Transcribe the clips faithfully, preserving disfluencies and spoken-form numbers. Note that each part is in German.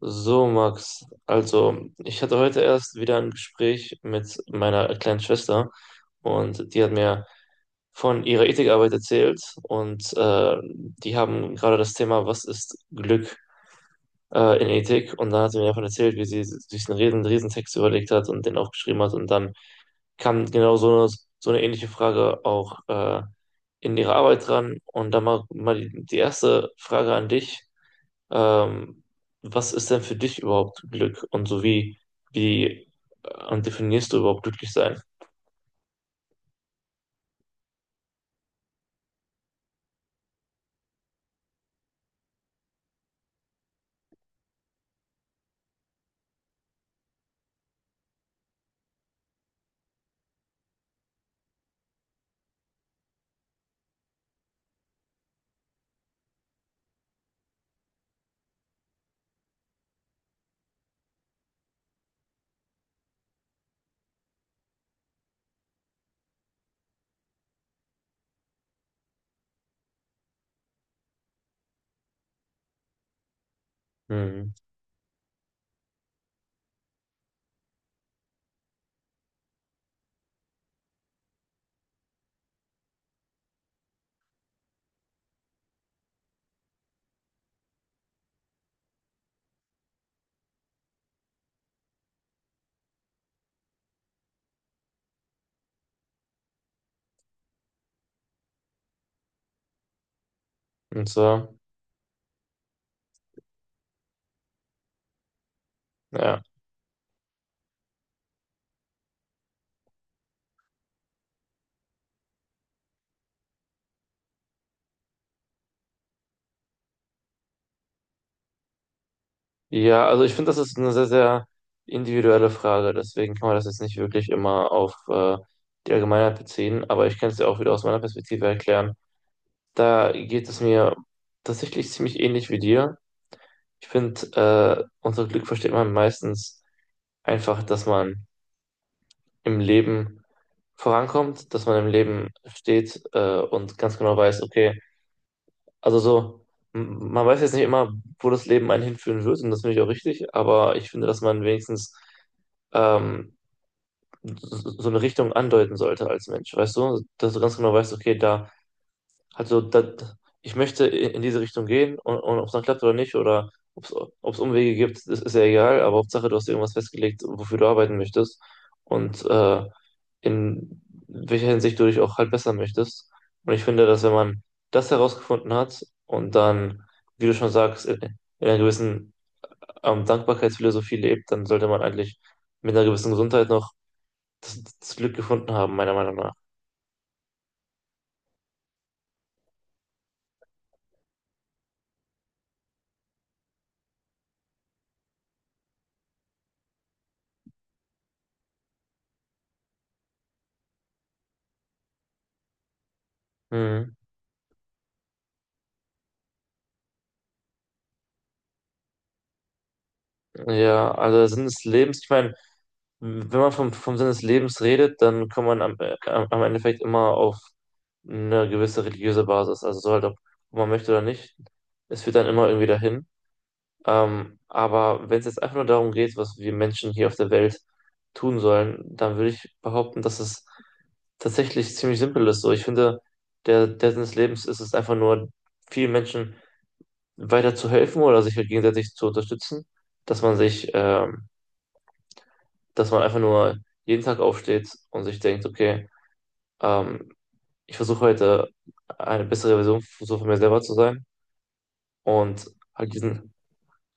So, Max, also ich hatte heute erst wieder ein Gespräch mit meiner kleinen Schwester und die hat mir von ihrer Ethikarbeit erzählt und äh, die haben gerade das Thema, was ist Glück äh, in Ethik, und dann hat sie mir davon erzählt, wie sie sich einen riesen, riesen Text überlegt hat und den aufgeschrieben hat, und dann kam genau so eine, so eine ähnliche Frage auch äh, in ihre Arbeit dran, und dann mal, mal die, die erste Frage an dich. Ähm, Was ist denn für dich überhaupt Glück? Und so wie, wie äh, definierst du überhaupt glücklich sein? Hm. Und so, ja. Ja, also ich finde, das ist eine sehr, sehr individuelle Frage. Deswegen kann man das jetzt nicht wirklich immer auf äh, die Allgemeinheit beziehen. Aber ich kann es dir auch wieder aus meiner Perspektive erklären. Da geht es mir tatsächlich ziemlich ähnlich wie dir. Ich finde, äh, unter Glück versteht man meistens einfach, dass man im Leben vorankommt, dass man im Leben steht äh, und ganz genau weiß, okay, also so, m- man weiß jetzt nicht immer, wo das Leben einen hinführen wird, und das finde ich auch richtig, aber ich finde, dass man wenigstens ähm, so so so eine Richtung andeuten sollte als Mensch, weißt du, dass du ganz genau weißt, okay, da, also da, ich möchte in in diese Richtung gehen, und, und ob es dann klappt oder nicht oder ob es Umwege gibt, das ist ja egal, aber Hauptsache, du hast irgendwas festgelegt, wofür du arbeiten möchtest und äh, in welcher Hinsicht du dich auch halt besser möchtest. Und ich finde, dass wenn man das herausgefunden hat und dann, wie du schon sagst, in, in einer gewissen ähm, Dankbarkeitsphilosophie lebt, dann sollte man eigentlich mit einer gewissen Gesundheit noch das, das Glück gefunden haben, meiner Meinung nach. Hm. Ja, also der Sinn des Lebens, ich meine, wenn man vom, vom Sinn des Lebens redet, dann kommt man am, äh, am Endeffekt immer auf eine gewisse religiöse Basis. Also so halt, ob man möchte oder nicht, es führt dann immer irgendwie dahin. Ähm, aber wenn es jetzt einfach nur darum geht, was wir Menschen hier auf der Welt tun sollen, dann würde ich behaupten, dass es tatsächlich ziemlich simpel ist. So, ich finde, der, der Sinn des Lebens ist es einfach nur, vielen Menschen weiter zu helfen oder sich halt gegenseitig zu unterstützen, dass man sich, ähm, dass man einfach nur jeden Tag aufsteht und sich denkt, okay, ähm, ich versuche heute eine bessere Version so von mir selber zu sein und halt diesen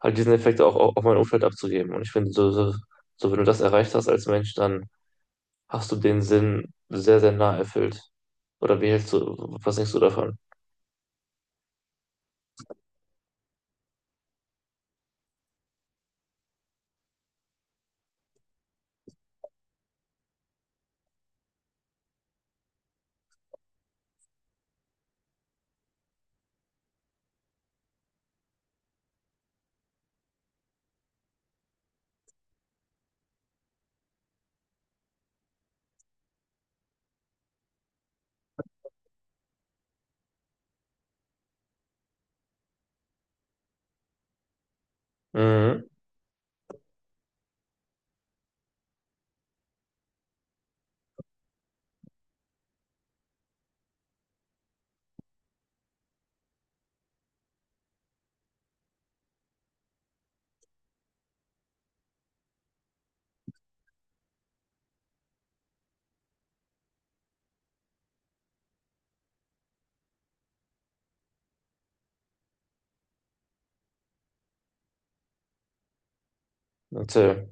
halt diesen Effekt auch au- auf mein Umfeld abzugeben. Und ich finde, so, so, so wenn du das erreicht hast als Mensch, dann hast du den Sinn sehr, sehr nah erfüllt. Oder wie hältst du, was denkst du davon? Mhm. Erzähl.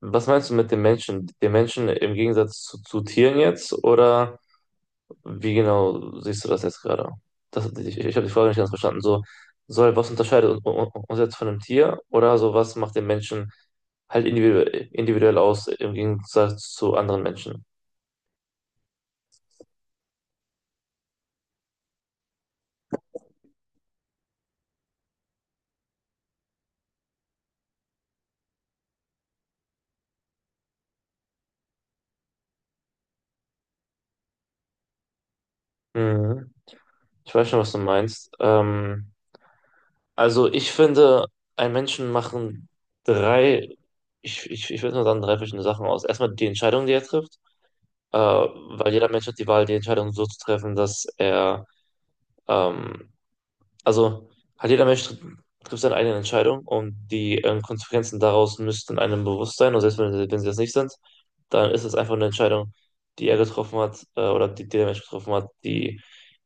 Was meinst du mit den Menschen? Den Menschen im Gegensatz zu, zu Tieren jetzt? Oder wie genau siehst du das jetzt gerade? Das, ich ich habe die Frage nicht ganz verstanden. So, so halt, was unterscheidet un- uns jetzt von einem Tier? Oder so, was macht den Menschen halt individu individuell aus im Gegensatz zu anderen Menschen? Mhm. Ich weiß schon, was du meinst. Ähm, also ich finde, ein Menschen machen drei, ich, ich, ich würde mal sagen, drei verschiedene Sachen aus. Erstmal die Entscheidung, die er trifft, äh, weil jeder Mensch hat die Wahl, die Entscheidung so zu treffen, dass er ähm, also halt jeder Mensch tr- trifft seine eigenen Entscheidungen und die ähm, Konsequenzen daraus müssten einem bewusst sein. Und selbst wenn, sie- wenn sie das nicht sind, dann ist es einfach eine Entscheidung, die er getroffen hat äh, oder die, die der Mensch getroffen hat, die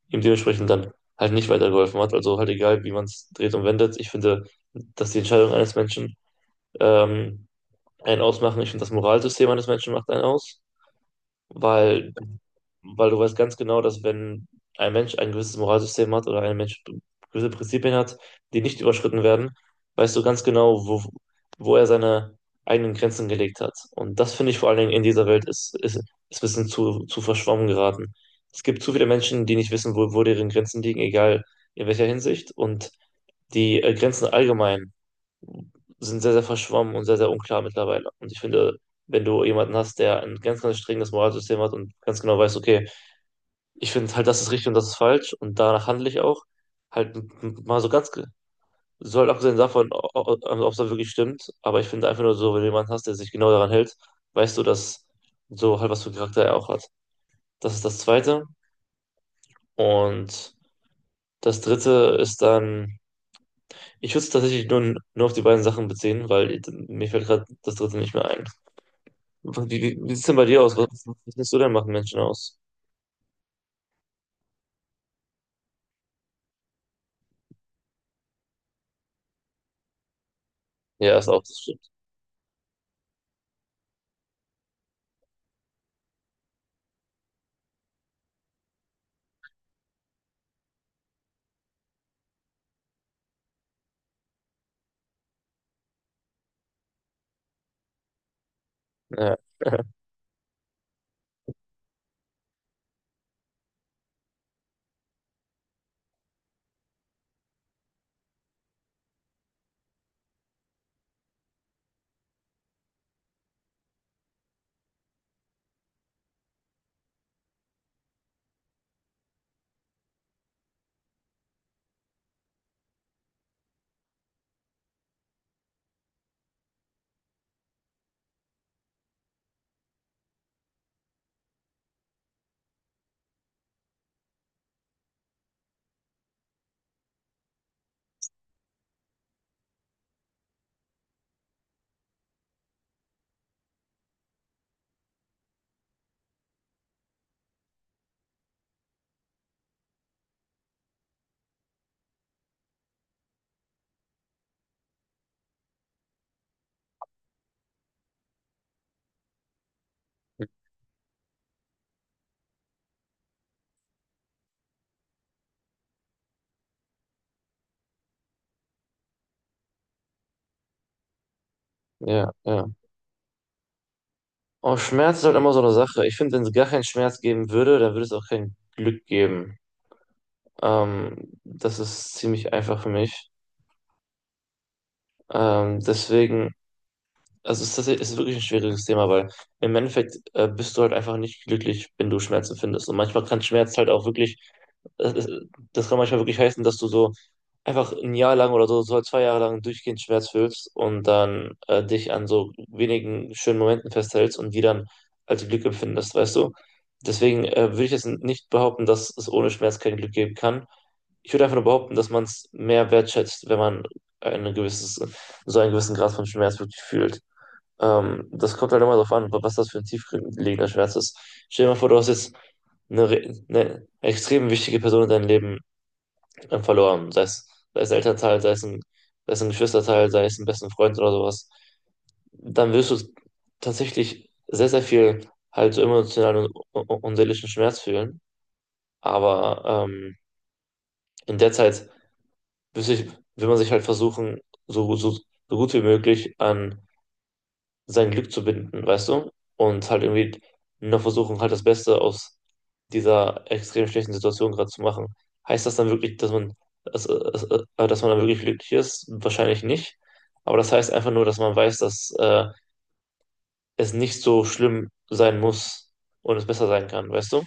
ihm dementsprechend dann halt nicht weitergeholfen hat. Also halt egal, wie man es dreht und wendet. Ich finde, dass die Entscheidung eines Menschen ähm, einen ausmachen. Ich finde, das Moralsystem eines Menschen macht einen aus, weil, weil du weißt ganz genau, dass wenn ein Mensch ein gewisses Moralsystem hat oder ein Mensch gewisse Prinzipien hat, die nicht überschritten werden, weißt du ganz genau, wo, wo er seine eigenen Grenzen gelegt hat. Und das finde ich vor allen Dingen in dieser Welt ist, ist, ist ein bisschen zu, zu verschwommen geraten. Es gibt zu viele Menschen, die nicht wissen, wo, wo deren Grenzen liegen, egal in welcher Hinsicht, und die äh, Grenzen allgemein sind sehr, sehr verschwommen und sehr, sehr unklar mittlerweile. Und ich finde, wenn du jemanden hast, der ein ganz, ganz strenges Moralsystem hat und ganz genau weiß, okay, ich finde halt, das ist richtig und das ist falsch und danach handle ich auch, halt m- m- mal so ganz, ge- so halt abgesehen davon, o- o- ob es da wirklich stimmt, aber ich finde einfach nur so, wenn du jemanden hast, der sich genau daran hält, weißt du, dass so halt was für Charakter er auch hat. Das ist das Zweite. Und das Dritte ist dann, ich würde es tatsächlich nur, nur auf die beiden Sachen beziehen, weil mir fällt gerade das Dritte nicht mehr ein. Wie, wie, wie sieht's denn bei dir aus? Was, was lässt du denn machen, Menschen aus? Ja, ist auch, das stimmt. Ja, ja, ja. Oh, Schmerz ist halt immer so eine Sache. Ich finde, wenn es gar keinen Schmerz geben würde, dann würde es auch kein Glück geben. Ähm, das ist ziemlich einfach für mich. Ähm, deswegen. Also es ist, tatsächlich- es ist wirklich ein schwieriges Thema, weil im Endeffekt äh, bist du halt einfach nicht glücklich, wenn du Schmerzen findest. Und manchmal kann Schmerz halt auch wirklich, das, das das kann manchmal wirklich heißen, dass du so einfach ein Jahr lang oder so, so zwei Jahre lang durchgehend Schmerz fühlst und dann äh, dich an so wenigen schönen Momenten festhältst und die dann als Glück empfindest, weißt du? Deswegen äh, würde ich jetzt nicht behaupten, dass es ohne Schmerz kein Glück geben kann. Ich würde einfach nur behaupten, dass man es mehr wertschätzt, wenn man eine gewisses, so einen gewissen Grad von Schmerz wirklich fühlt. Ähm, das kommt halt immer darauf an, was das für ein tiefgelegender Schmerz ist. Stell dir mal vor, du hast jetzt eine, re- eine extrem wichtige Person in deinem Leben ähm, verloren. Sei es, sei es ein Elternteil, sei es ein, sei es ein Geschwisterteil, sei es ein besten Freund oder sowas. Dann wirst du tatsächlich sehr, sehr viel halt so emotionalen und, und, und seelischen Schmerz fühlen. Aber ähm, in der Zeit will, sich, will man sich halt versuchen, so, so, so gut wie möglich an sein Glück zu binden, weißt du? Und halt irgendwie noch versuchen, halt das Beste aus dieser extrem schlechten Situation gerade zu machen. Heißt das dann wirklich, dass man, dass, äh, äh, dass man dann wirklich glücklich ist? Wahrscheinlich nicht. Aber das heißt einfach nur, dass man weiß, dass äh, es nicht so schlimm sein muss und es besser sein kann, weißt du?